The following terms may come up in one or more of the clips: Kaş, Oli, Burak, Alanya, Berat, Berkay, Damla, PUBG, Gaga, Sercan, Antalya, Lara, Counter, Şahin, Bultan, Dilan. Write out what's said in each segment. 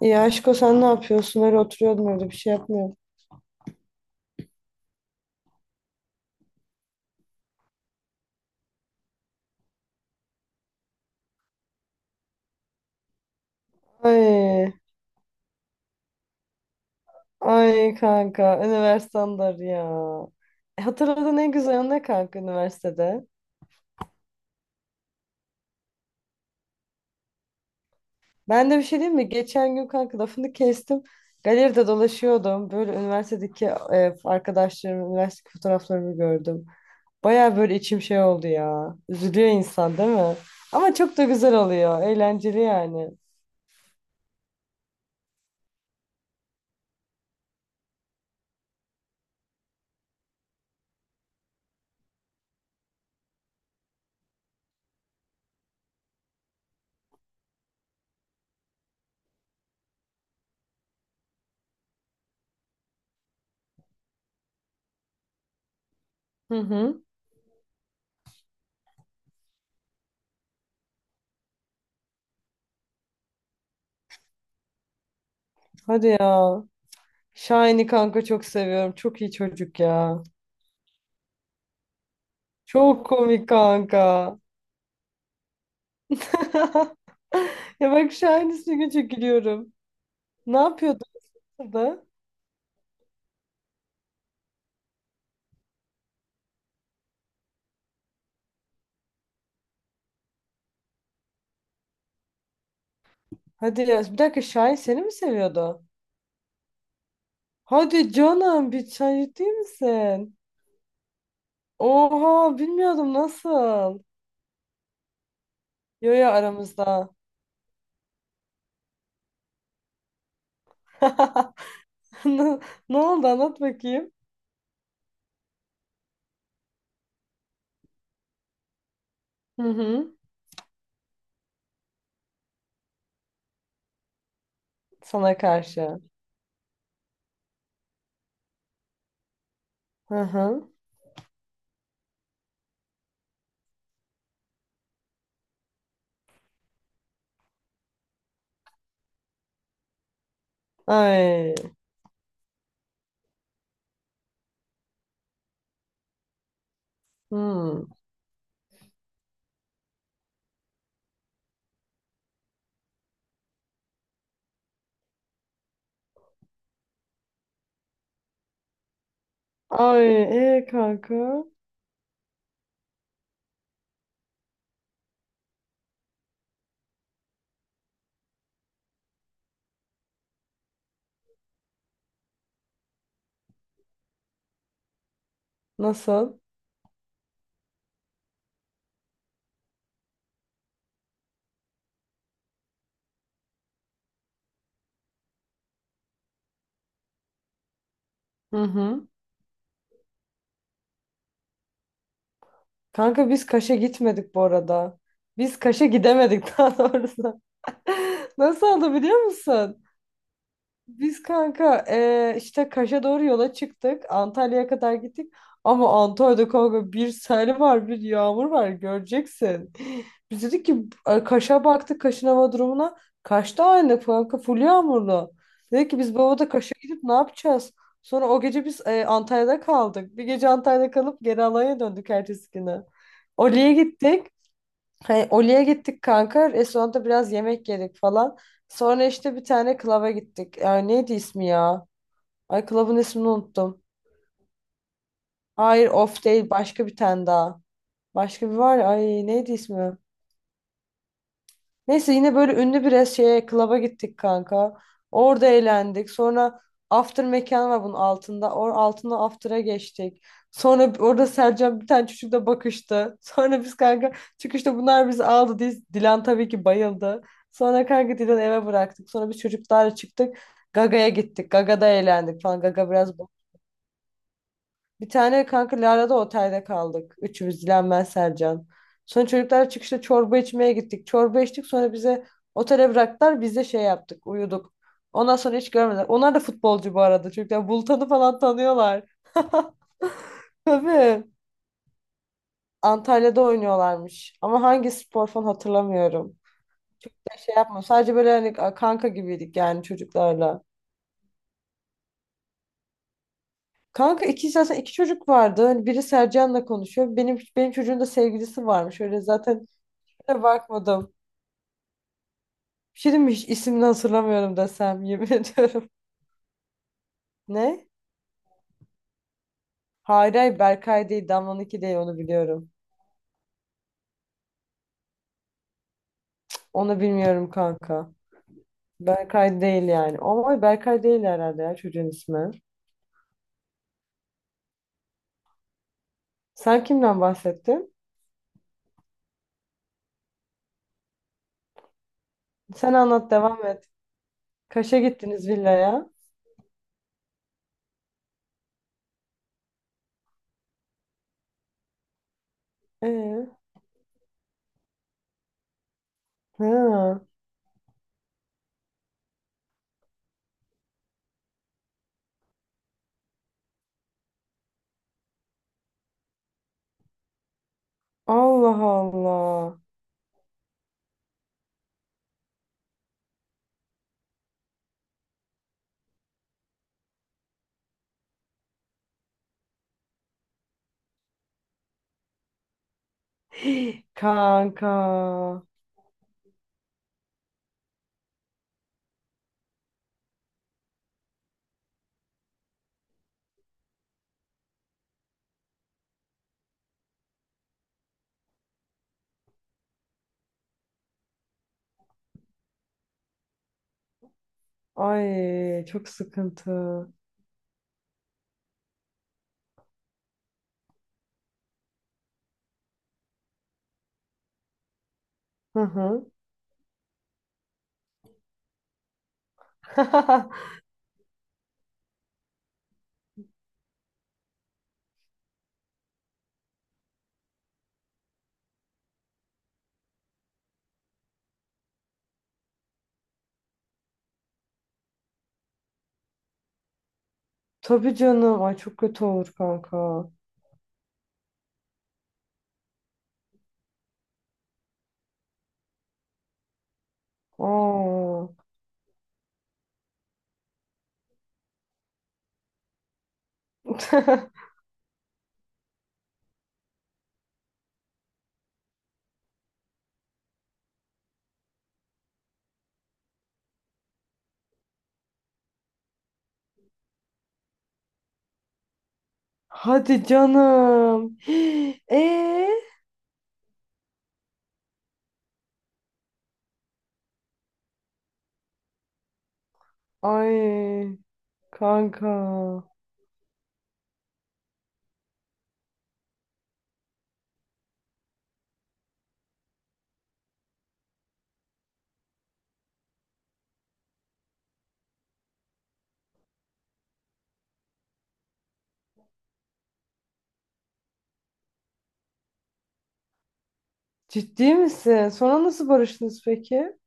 Ya aşko sen ne yapıyorsun? Öyle oturuyordum öyle bir şey yapmıyorum. Ay, ay, kanka üniversitedir ya. Hatırladığın en güzel an ne kanka üniversitede? Ben de bir şey diyeyim mi? Geçen gün kanka lafını kestim. Galeride dolaşıyordum. Böyle üniversitedeki arkadaşlarımın üniversite fotoğraflarını gördüm. Baya böyle içim şey oldu ya. Üzülüyor insan değil mi? Ama çok da güzel oluyor. Eğlenceli yani. Hı hı. Hadi ya. Şahin'i kanka çok seviyorum. Çok iyi çocuk ya. Çok komik kanka. Ya bak şu an ismini çok gülüyorum. Ne yapıyordu orada? Hadi ya bir dakika Şahin seni mi seviyordu? Hadi canım bir çay ciddi misin? Oha bilmiyordum nasıl? Yo yo aramızda. Ne, ne oldu anlat bakayım. Hı hı. Sana karşı. Hı hı. Ay. Hı. Ay e kanka. Nasıl? Hı hı. Kanka biz Kaş'a gitmedik bu arada. Biz Kaş'a gidemedik daha doğrusu. Nasıl oldu biliyor musun? Biz kanka işte Kaş'a doğru yola çıktık. Antalya'ya kadar gittik. Ama Antalya'da kanka bir sel var, bir yağmur var. Göreceksin. Biz dedik ki Kaş'a baktık, Kaş'ın hava durumuna. Kaş'ta aynı kanka full yağmurlu. Dedik ki biz bu havada Kaş'a gidip ne yapacağız? Sonra o gece biz Antalya'da kaldık. Bir gece Antalya'da kalıp geri Alanya'ya döndük ertesi günü. Oli'ye gittik. Hani Oli'ye gittik kanka. Restoranda biraz yemek yedik falan. Sonra işte bir tane klaba gittik. Ay neydi ismi ya? Ay klabın ismini unuttum. Hayır off değil başka bir tane daha. Başka bir var ya. Ay neydi ismi? Neyse yine böyle ünlü bir şeye klaba gittik kanka. Orada eğlendik. Sonra after mekan var bunun altında. Or altında after'a geçtik. Sonra orada Sercan bir tane çocukla bakıştı. Sonra biz kanka çıkışta bunlar bizi aldı. Dilan tabii ki bayıldı. Sonra kanka Dilan'ı eve bıraktık. Sonra biz çocuklarla çıktık. Gaga'ya gittik. Gaga'da eğlendik falan. Gaga biraz bir tane kanka Lara'da otelde kaldık. Üçümüz Dilan ben Sercan. Sonra çocuklar çıkışta çorba içmeye gittik. Çorba içtik sonra bize otele bıraktılar. Biz de şey yaptık uyuduk. Ondan sonra hiç görmediler. Onlar da futbolcu bu arada. Çocuklar Bultan'ı falan tanıyorlar. Tabii. Antalya'da oynuyorlarmış. Ama hangi spor falan hatırlamıyorum. Şey yapma. Sadece böyle hani kanka gibiydik yani çocuklarla. Kanka iki zaten iki çocuk vardı. Hani biri Sercan'la konuşuyor. Benim çocuğun da sevgilisi varmış. Öyle zaten kusura bakmadım. Bir şey diyeyim mi? Hiç ismini hatırlamıyorum desem yemin ediyorum. Ne? Hayır, Berkay değil. Damla'nınki değil onu biliyorum. Onu bilmiyorum kanka. Berkay değil yani. Ama Berkay değil herhalde ya çocuğun ismi. Sen kimden bahsettin? Sen anlat devam et. Kaş'a gittiniz villaya. Ee, ha. Allah Allah. Kanka. Ay çok sıkıntı. Hı hı. Tabii canım. Ay çok kötü olur kanka. Aa. Hadi canım. Ee? Ay kanka. Ciddi misin? Sonra nasıl barıştınız peki?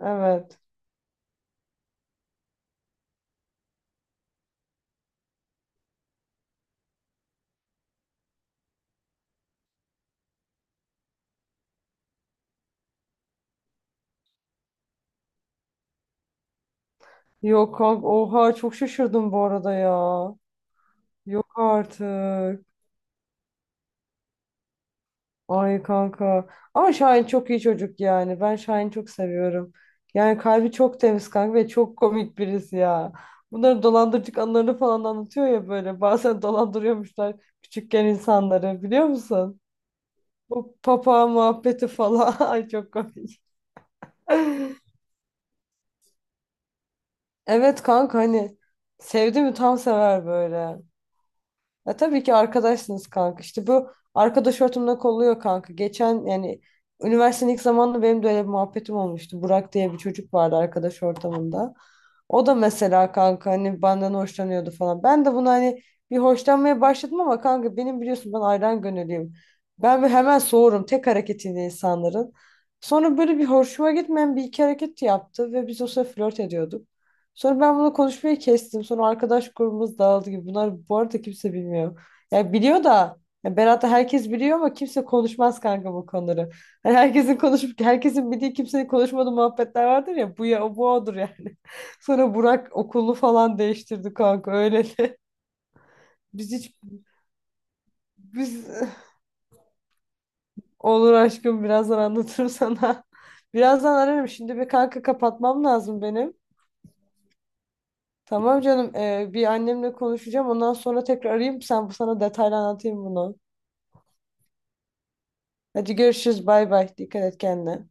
Evet. Yok kanka. Oha çok şaşırdım bu arada ya. Yok artık. Ay kanka. Ama Şahin çok iyi çocuk yani. Ben Şahin'i çok seviyorum. Yani kalbi çok temiz kanka ve çok komik birisi ya. Bunların dolandırıcılık anılarını falan anlatıyor ya böyle. Bazen dolandırıyormuşlar küçükken insanları biliyor musun? Bu papa muhabbeti falan. Ay çok komik. Evet kanka hani sevdi mi tam sever böyle. Ya tabii ki arkadaşsınız kanka. İşte bu arkadaş ortamında kolluyor kanka. Geçen yani üniversitenin ilk zamanında benim de öyle bir muhabbetim olmuştu. Burak diye bir çocuk vardı arkadaş ortamında. O da mesela kanka hani benden hoşlanıyordu falan. Ben de bunu hani bir hoşlanmaya başladım ama kanka benim biliyorsun ben ayran gönüllüyüm. Ben bir hemen soğurum tek hareketiyle insanların. Sonra böyle bir hoşuma gitmeyen bir iki hareket yaptı ve biz o sıra flört ediyorduk. Sonra ben bunu konuşmayı kestim. Sonra arkadaş grubumuz dağıldı gibi. Bunlar bu arada kimse bilmiyor. Yani biliyor da ya Berat'ı herkes biliyor ama kimse konuşmaz kanka bu konuları. Hani herkesin konuşup herkesin bildiği kimsenin konuşmadığı muhabbetler vardır ya bu ya bu odur yani. Sonra Burak okulunu falan değiştirdi kanka öyle de. Biz hiç biz olur aşkım birazdan anlatırım sana. Birazdan ararım şimdi bir kanka kapatmam lazım benim. Tamam canım. Bir annemle konuşacağım. Ondan sonra tekrar arayayım. Sen sana detaylı anlatayım bunu. Hadi görüşürüz. Bay bay. Dikkat et kendine.